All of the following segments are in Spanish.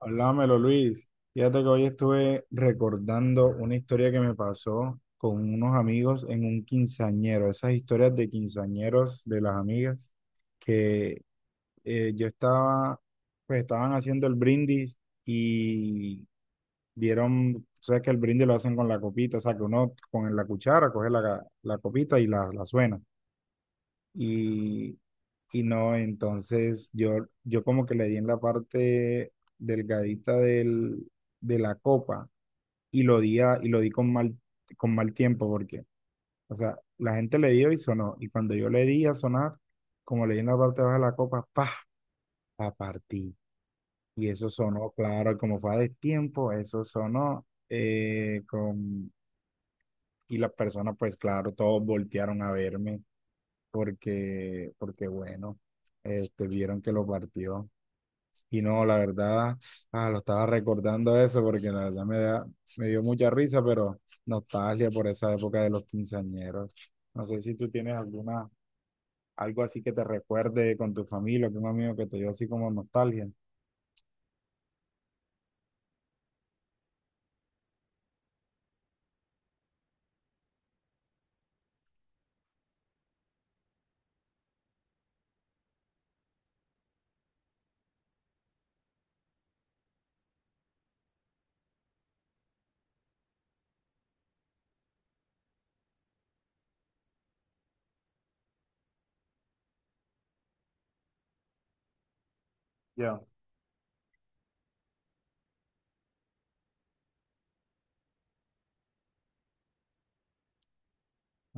Háblamelo, Luis. Fíjate que hoy estuve recordando una historia que me pasó con unos amigos en un quinceañero, esas historias de quinceañeros de las amigas, que yo estaba, pues estaban haciendo el brindis y dieron, tú sabes que el brindis lo hacen con la copita, o sea, que uno con la cuchara coge la copita y la suena. Y, y no, entonces yo como que le di en la parte delgadita del, de la copa y lo di, y lo di con mal tiempo porque, o sea, la gente le dio y sonó. Y cuando yo le di a sonar, como le di en la parte baja de la copa, ¡pah! La partí. Y eso sonó, claro, como fue a destiempo, eso sonó con, y las personas, pues claro, todos voltearon a verme porque, porque bueno, vieron que lo partió. Y no, la verdad, lo estaba recordando eso porque la verdad me da, me dio mucha risa, pero nostalgia por esa época de los quinceañeros. ¿No sé si tú tienes alguna, algo así que te recuerde con tu familia, con un amigo que te dio así como nostalgia? Ya.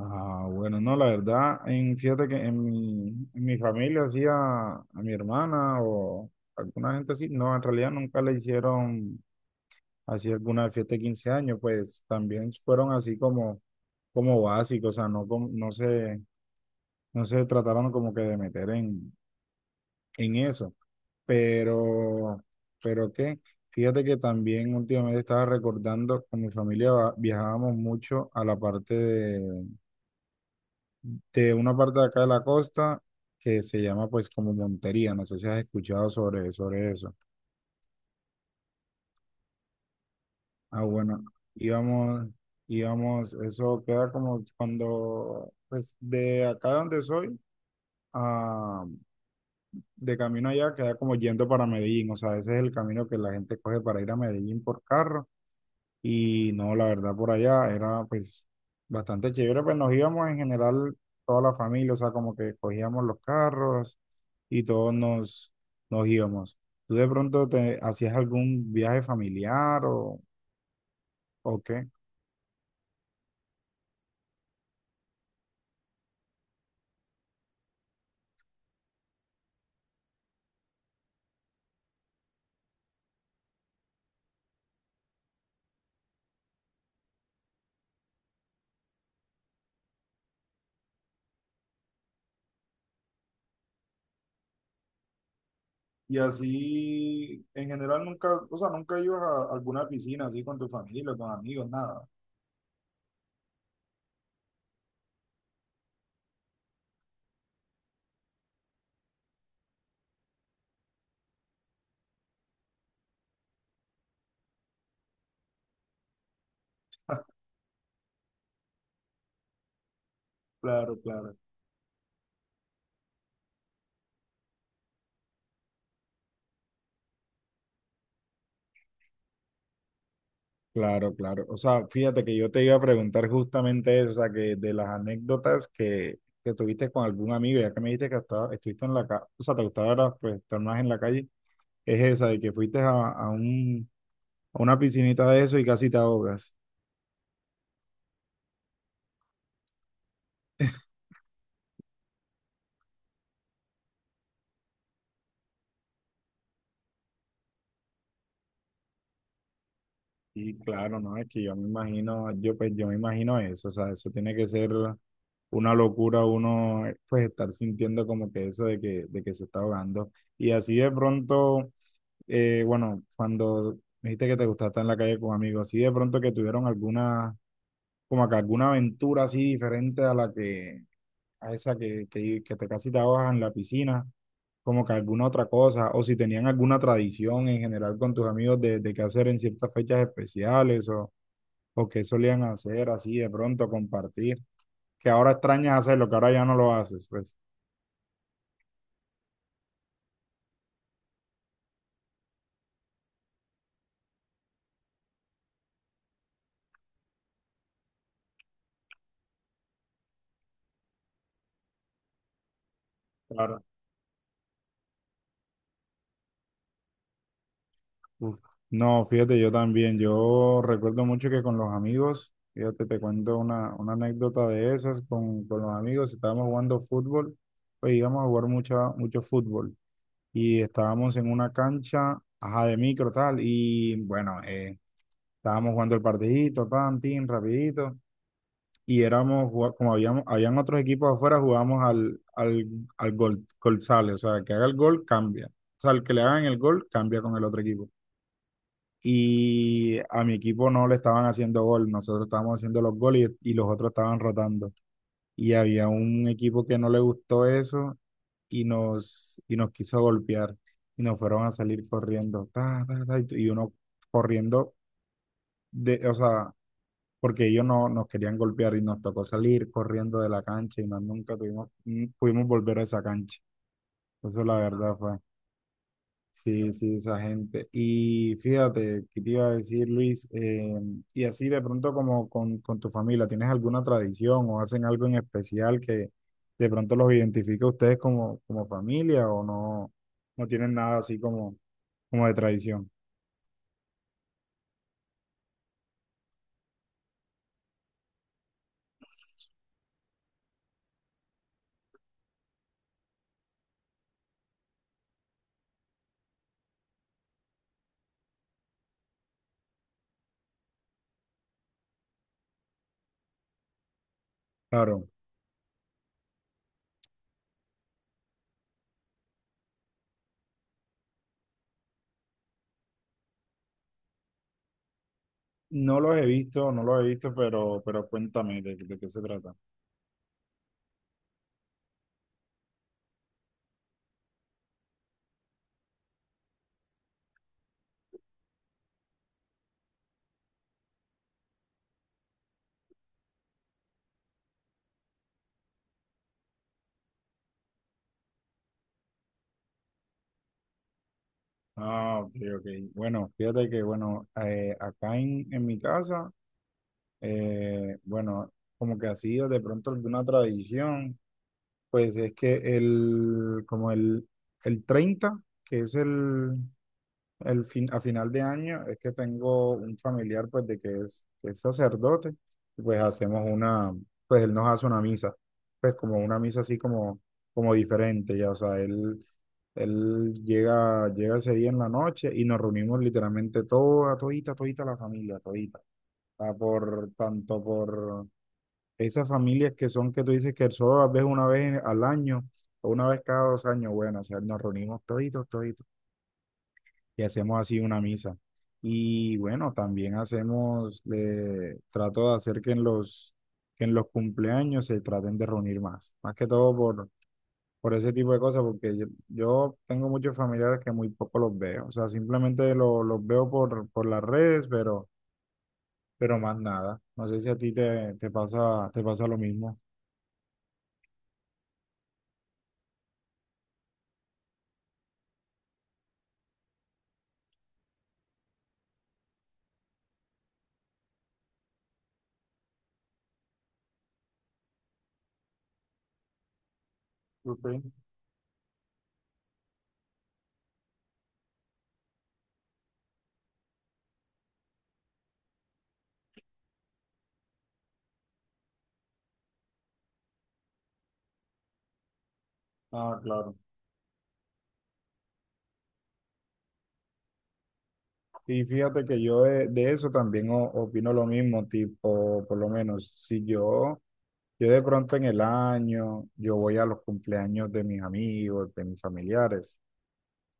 Ah, bueno, no, la verdad, en, fíjate que en mi familia hacía a mi hermana o alguna gente así, no, en realidad nunca le hicieron así alguna fiesta de 15 años, pues también fueron así como, como básicos, o sea, no, no se, no se trataron como que de meter en eso, pero, pero qué, fíjate que también últimamente estaba recordando, con mi familia viajábamos mucho a la parte de una parte de acá de la costa que se llama pues como Montería, no sé si has escuchado sobre, sobre eso. Ah, bueno, íbamos, íbamos, eso queda como cuando, pues de acá donde soy, a, de camino allá, queda como yendo para Medellín, o sea, ese es el camino que la gente coge para ir a Medellín por carro, y no, la verdad, por allá era pues bastante chévere, pues nos íbamos en general toda la familia, o sea, como que cogíamos los carros y todos nos, nos íbamos. ¿Tú de pronto te hacías algún viaje familiar o qué? Y así, en general, nunca, o sea, ¿nunca ibas a alguna piscina así con tu familia, con amigos, nada? Claro, claro. Claro, claro. O sea, fíjate que yo te iba a preguntar justamente eso, o sea, que de las anécdotas que tuviste con algún amigo, ya que me dijiste que estuviste en la calle, o sea, te gustaba era, pues, estar más en la calle, es esa de que fuiste a un, a una piscinita de eso y casi te ahogas. Sí, claro, no, es que yo me imagino, yo pues yo me imagino eso, o sea, eso tiene que ser una locura uno pues estar sintiendo como que eso de que se está ahogando. Y así de pronto, bueno, cuando me dijiste que te gustaba estar en la calle con amigos, así de pronto que tuvieron alguna, como que alguna aventura así diferente a la que, a esa que te casi te ahogas en la piscina, como que alguna otra cosa, o si tenían alguna tradición en general con tus amigos de qué hacer en ciertas fechas especiales o qué solían hacer así de pronto, compartir, que ahora extrañas hacerlo, que ahora ya no lo haces, pues. Claro. Uf. No, fíjate, yo también, yo recuerdo mucho que con los amigos, fíjate, te cuento una anécdota de esas, con los amigos estábamos jugando fútbol, pues íbamos a jugar mucho, mucho fútbol. Y estábamos en una cancha, ajá, de micro, tal, y bueno, estábamos jugando el partidito, tan, tin, rapidito, y éramos, como habíamos, habían otros equipos afuera, jugábamos al gol, gol sale, o sea, el que haga el gol cambia, o sea, el que le hagan el gol cambia con el otro equipo. Y a mi equipo no le estaban haciendo gol, nosotros estábamos haciendo los goles y los otros estaban rotando. Y había un equipo que no le gustó eso y nos quiso golpear y nos fueron a salir corriendo, ta, ta, ta, y uno corriendo, de, o sea, porque ellos no, nos querían golpear y nos tocó salir corriendo de la cancha y más nunca tuvimos, pudimos volver a esa cancha. Eso la verdad fue. Sí, sí, esa gente. Y fíjate, ¿qué te iba a decir, Luis? Y así de pronto como con tu familia, ¿tienes alguna tradición o hacen algo en especial que de pronto los identifique a ustedes como, como familia o no, no tienen nada así como, como de tradición? Claro, no los he visto, no los he visto, pero cuéntame de qué se trata. Ah, ok, ok. Bueno, fíjate que, bueno, acá en mi casa... bueno, como que así de pronto alguna tradición, pues es que el, como el 30 que es el fin, a final de año, es que tengo un familiar pues de que es sacerdote, y pues hacemos una, pues él nos hace una misa, pues como una misa así como, como diferente, ya, o sea, él... Él llega, llega ese día en la noche y nos reunimos literalmente toda, todita, todita la familia, todita. Sea, por, tanto por, esas familias que son que tú dices que solo las ves una vez al año o una vez cada dos años, bueno, o sea, nos reunimos toditos, toditos y hacemos así una misa. Y bueno, también hacemos, trato de hacer que en los cumpleaños se traten de reunir más, más que todo por ese tipo de cosas, porque yo tengo muchos familiares que muy poco los veo, o sea, simplemente los veo por las redes, pero más nada. No sé si a ti te, te pasa lo mismo. Ok. Ah, claro. Y fíjate que yo de eso también opino lo mismo, tipo, por lo menos, si yo, yo de pronto en el año, yo voy a los cumpleaños de mis amigos, de mis familiares,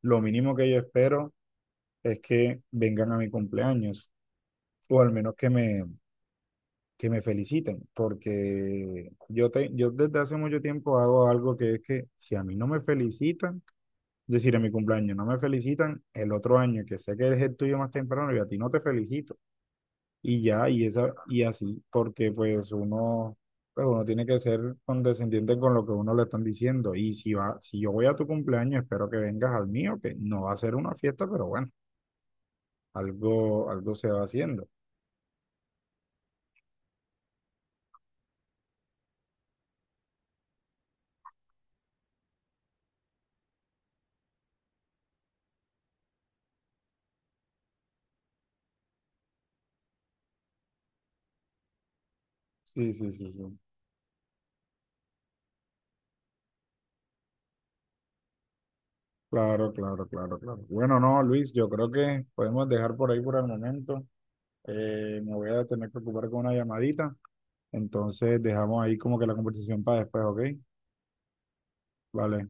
lo mínimo que yo espero es que vengan a mi cumpleaños, o al menos que me feliciten, porque yo, te, yo desde hace mucho tiempo hago algo que es que si a mí no me felicitan, es decir, en mi cumpleaños no me felicitan, el otro año que sé que es el tuyo más temprano y a ti no te felicitan, y ya, y esa, y así, porque pues uno tiene que ser condescendiente con lo que uno le están diciendo. Y si va, si yo voy a tu cumpleaños, espero que vengas al mío, que no va a ser una fiesta, pero bueno, algo, algo se va haciendo. Sí, sí, sí, sí. Claro, claro, claro, claro. Bueno, no, Luis, yo creo que podemos dejar por ahí por el momento. Me voy a tener que ocupar con una llamadita. Entonces dejamos ahí como que la conversación para después, ¿ok? Vale.